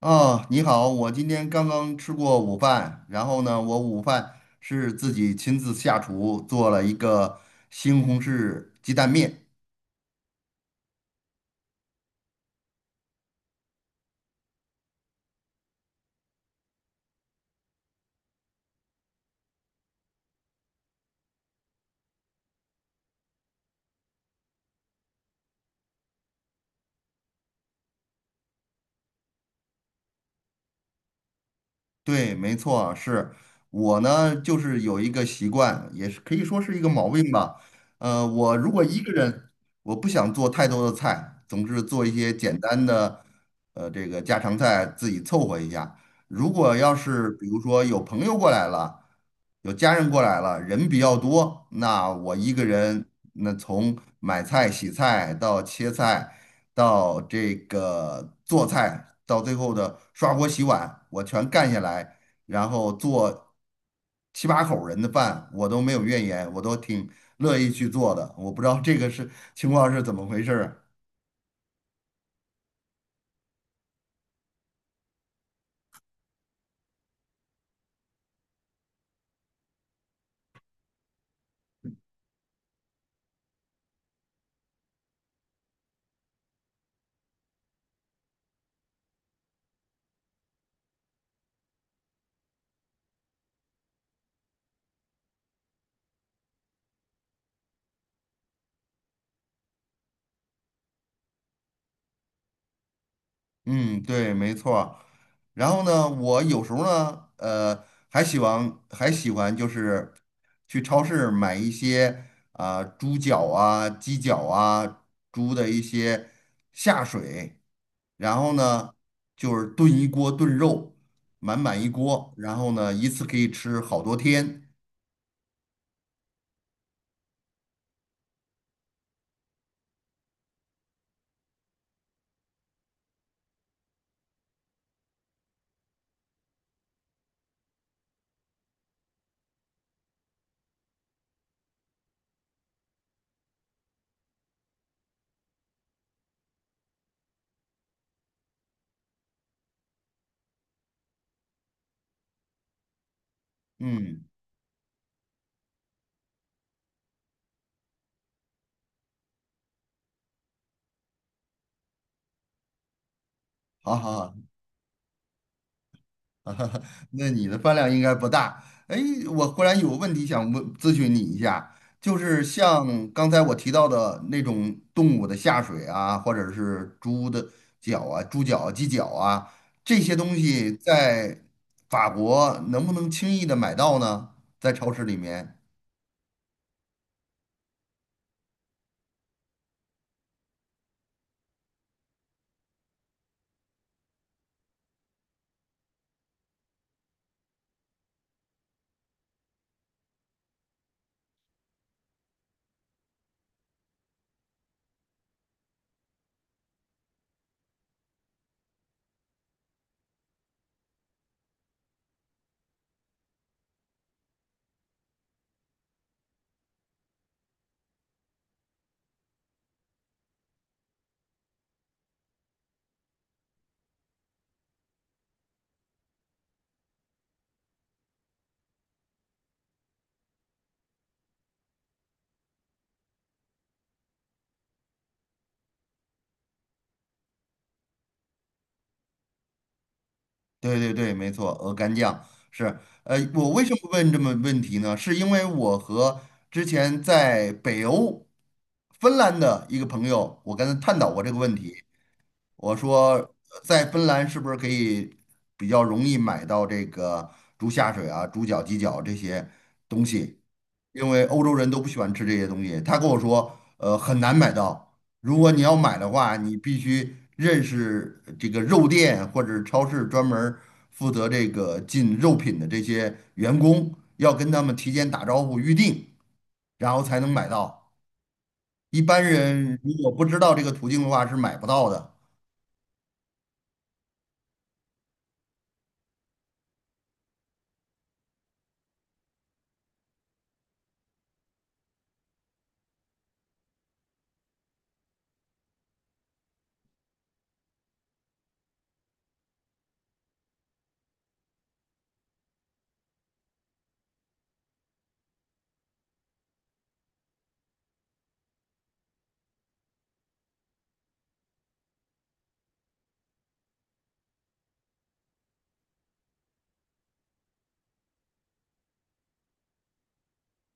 哦，你好，我今天刚刚吃过午饭，然后呢，我午饭是自己亲自下厨做了一个西红柿鸡蛋面。对，没错。是我呢，就是有一个习惯，也是可以说是一个毛病吧。我如果一个人，我不想做太多的菜，总是做一些简单的，这个家常菜自己凑合一下。如果要是比如说有朋友过来了，有家人过来了，人比较多，那我一个人，那从买菜、洗菜到切菜，到这个做菜，到最后的刷锅洗碗，我全干下来，然后做七八口人的饭，我都没有怨言，我都挺乐意去做的。我不知道这个是情况是怎么回事儿啊。嗯，对，没错。然后呢，我有时候呢，还喜欢就是去超市买一些啊、猪脚啊、鸡脚啊、猪的一些下水，然后呢就是炖一锅炖肉，满满一锅，然后呢一次可以吃好多天。嗯，好好好。啊，那你的饭量应该不大。哎，我忽然有个问题想问咨询你一下，就是像刚才我提到的那种动物的下水啊，或者是猪的脚啊、猪脚啊鸡脚啊，这些东西在法国能不能轻易的买到呢？在超市里面。对对对，没错，鹅肝酱是。我为什么问这么问题呢？是因为我和之前在北欧芬兰的一个朋友，我跟他探讨过这个问题。我说在芬兰是不是可以比较容易买到这个猪下水啊、猪脚、鸡脚这些东西？因为欧洲人都不喜欢吃这些东西。他跟我说，很难买到。如果你要买的话，你必须认识这个肉店或者超市专门儿负责这个进肉品的这些员工，要跟他们提前打招呼预定，然后才能买到。一般人如果不知道这个途径的话，是买不到的。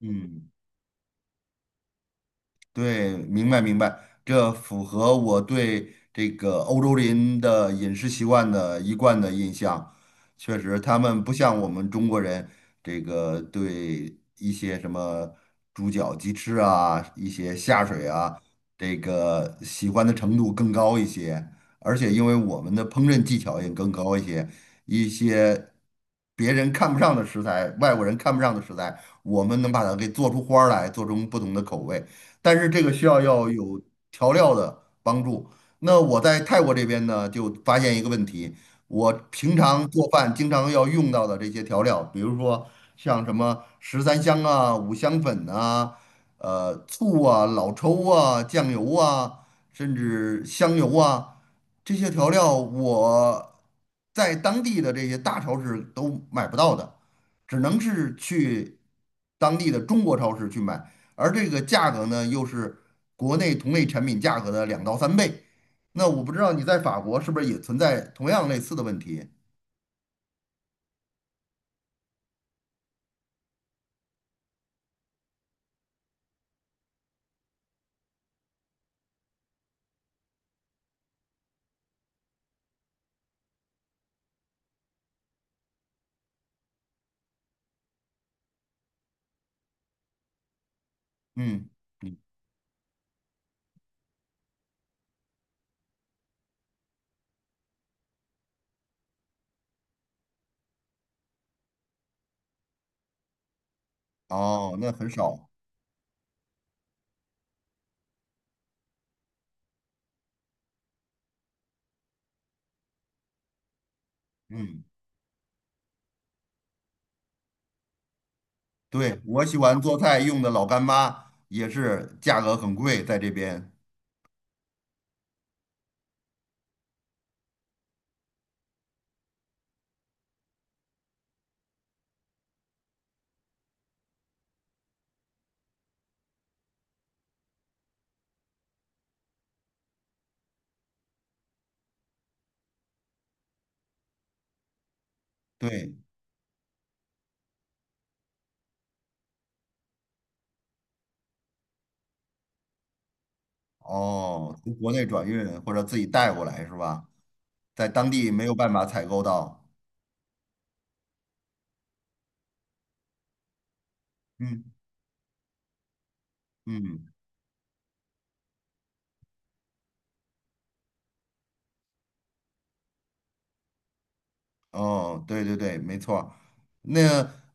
嗯。对，明白明白，这符合我对这个欧洲人的饮食习惯的一贯的印象。确实，他们不像我们中国人，这个对一些什么猪脚、鸡翅啊，一些下水啊，这个喜欢的程度更高一些。而且，因为我们的烹饪技巧也更高一些，一些别人看不上的食材，外国人看不上的食材，我们能把它给做出花儿来，做出不同的口味。但是这个需要要有调料的帮助。那我在泰国这边呢，就发现一个问题，我平常做饭经常要用到的这些调料，比如说像什么十三香啊、五香粉啊、醋啊、老抽啊、酱油啊，甚至香油啊，这些调料我在当地的这些大超市都买不到的，只能是去当地的中国超市去买。而这个价格呢，又是国内同类产品价格的两到三倍。那我不知道你在法国是不是也存在同样类似的问题？嗯，哦，那很少。嗯，对，我喜欢做菜用的老干妈也是价格很贵，在这边。对，哦，从国内转运或者自己带过来是吧？在当地没有办法采购到。嗯嗯。哦，对对对，没错儿。那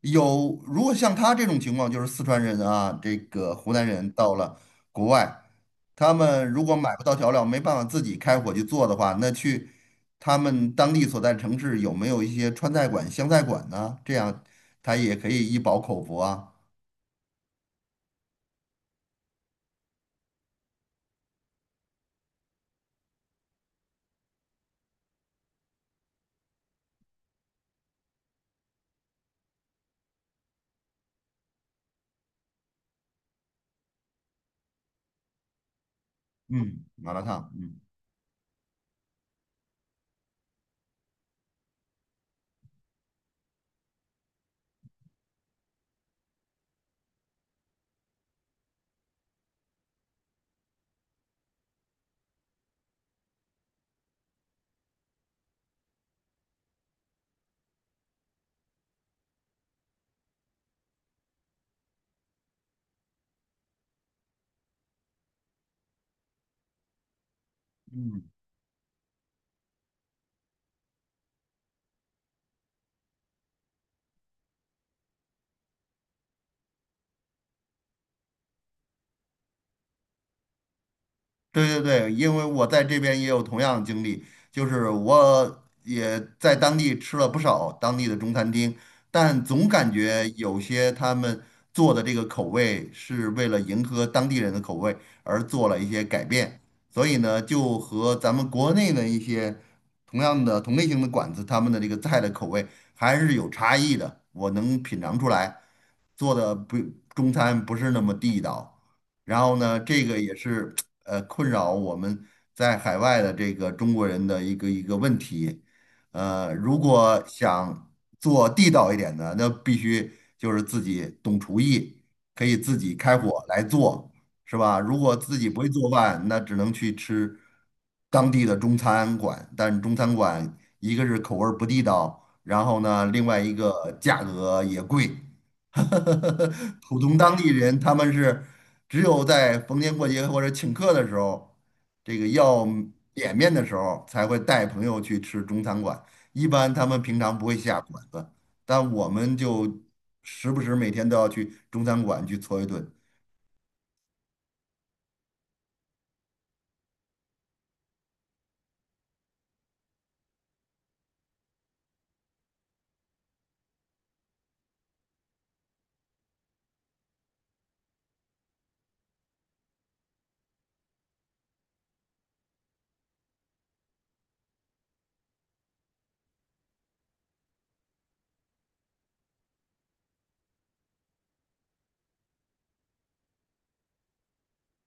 有，如果像他这种情况，就是四川人啊，这个湖南人到了国外，他们如果买不到调料，没办法自己开火去做的话，那去他们当地所在城市有没有一些川菜馆、湘菜馆呢？这样他也可以一饱口福啊。嗯，麻辣烫，嗯。对对对，因为我在这边也有同样的经历，就是我也在当地吃了不少当地的中餐厅，但总感觉有些他们做的这个口味是为了迎合当地人的口味而做了一些改变，所以呢，就和咱们国内的一些同样的同类型的馆子，他们的这个菜的口味还是有差异的，我能品尝出来，做的不中餐不是那么地道。然后呢，这个也是困扰我们在海外的这个中国人的一个问题。如果想做地道一点的，那必须就是自己懂厨艺，可以自己开火来做，是吧？如果自己不会做饭，那只能去吃当地的中餐馆，但中餐馆一个是口味儿不地道，然后呢，另外一个价格也贵。普通当地人他们是。只有在逢年过节或者请客的时候，这个要脸面的时候，才会带朋友去吃中餐馆。一般他们平常不会下馆子，但我们就时不时每天都要去中餐馆去搓一顿。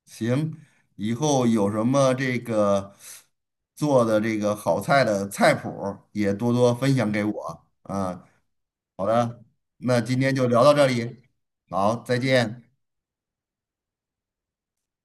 行，以后有什么这个做的这个好菜的菜谱儿也多多分享给我啊。好的，那今天就聊到这里，好，再见。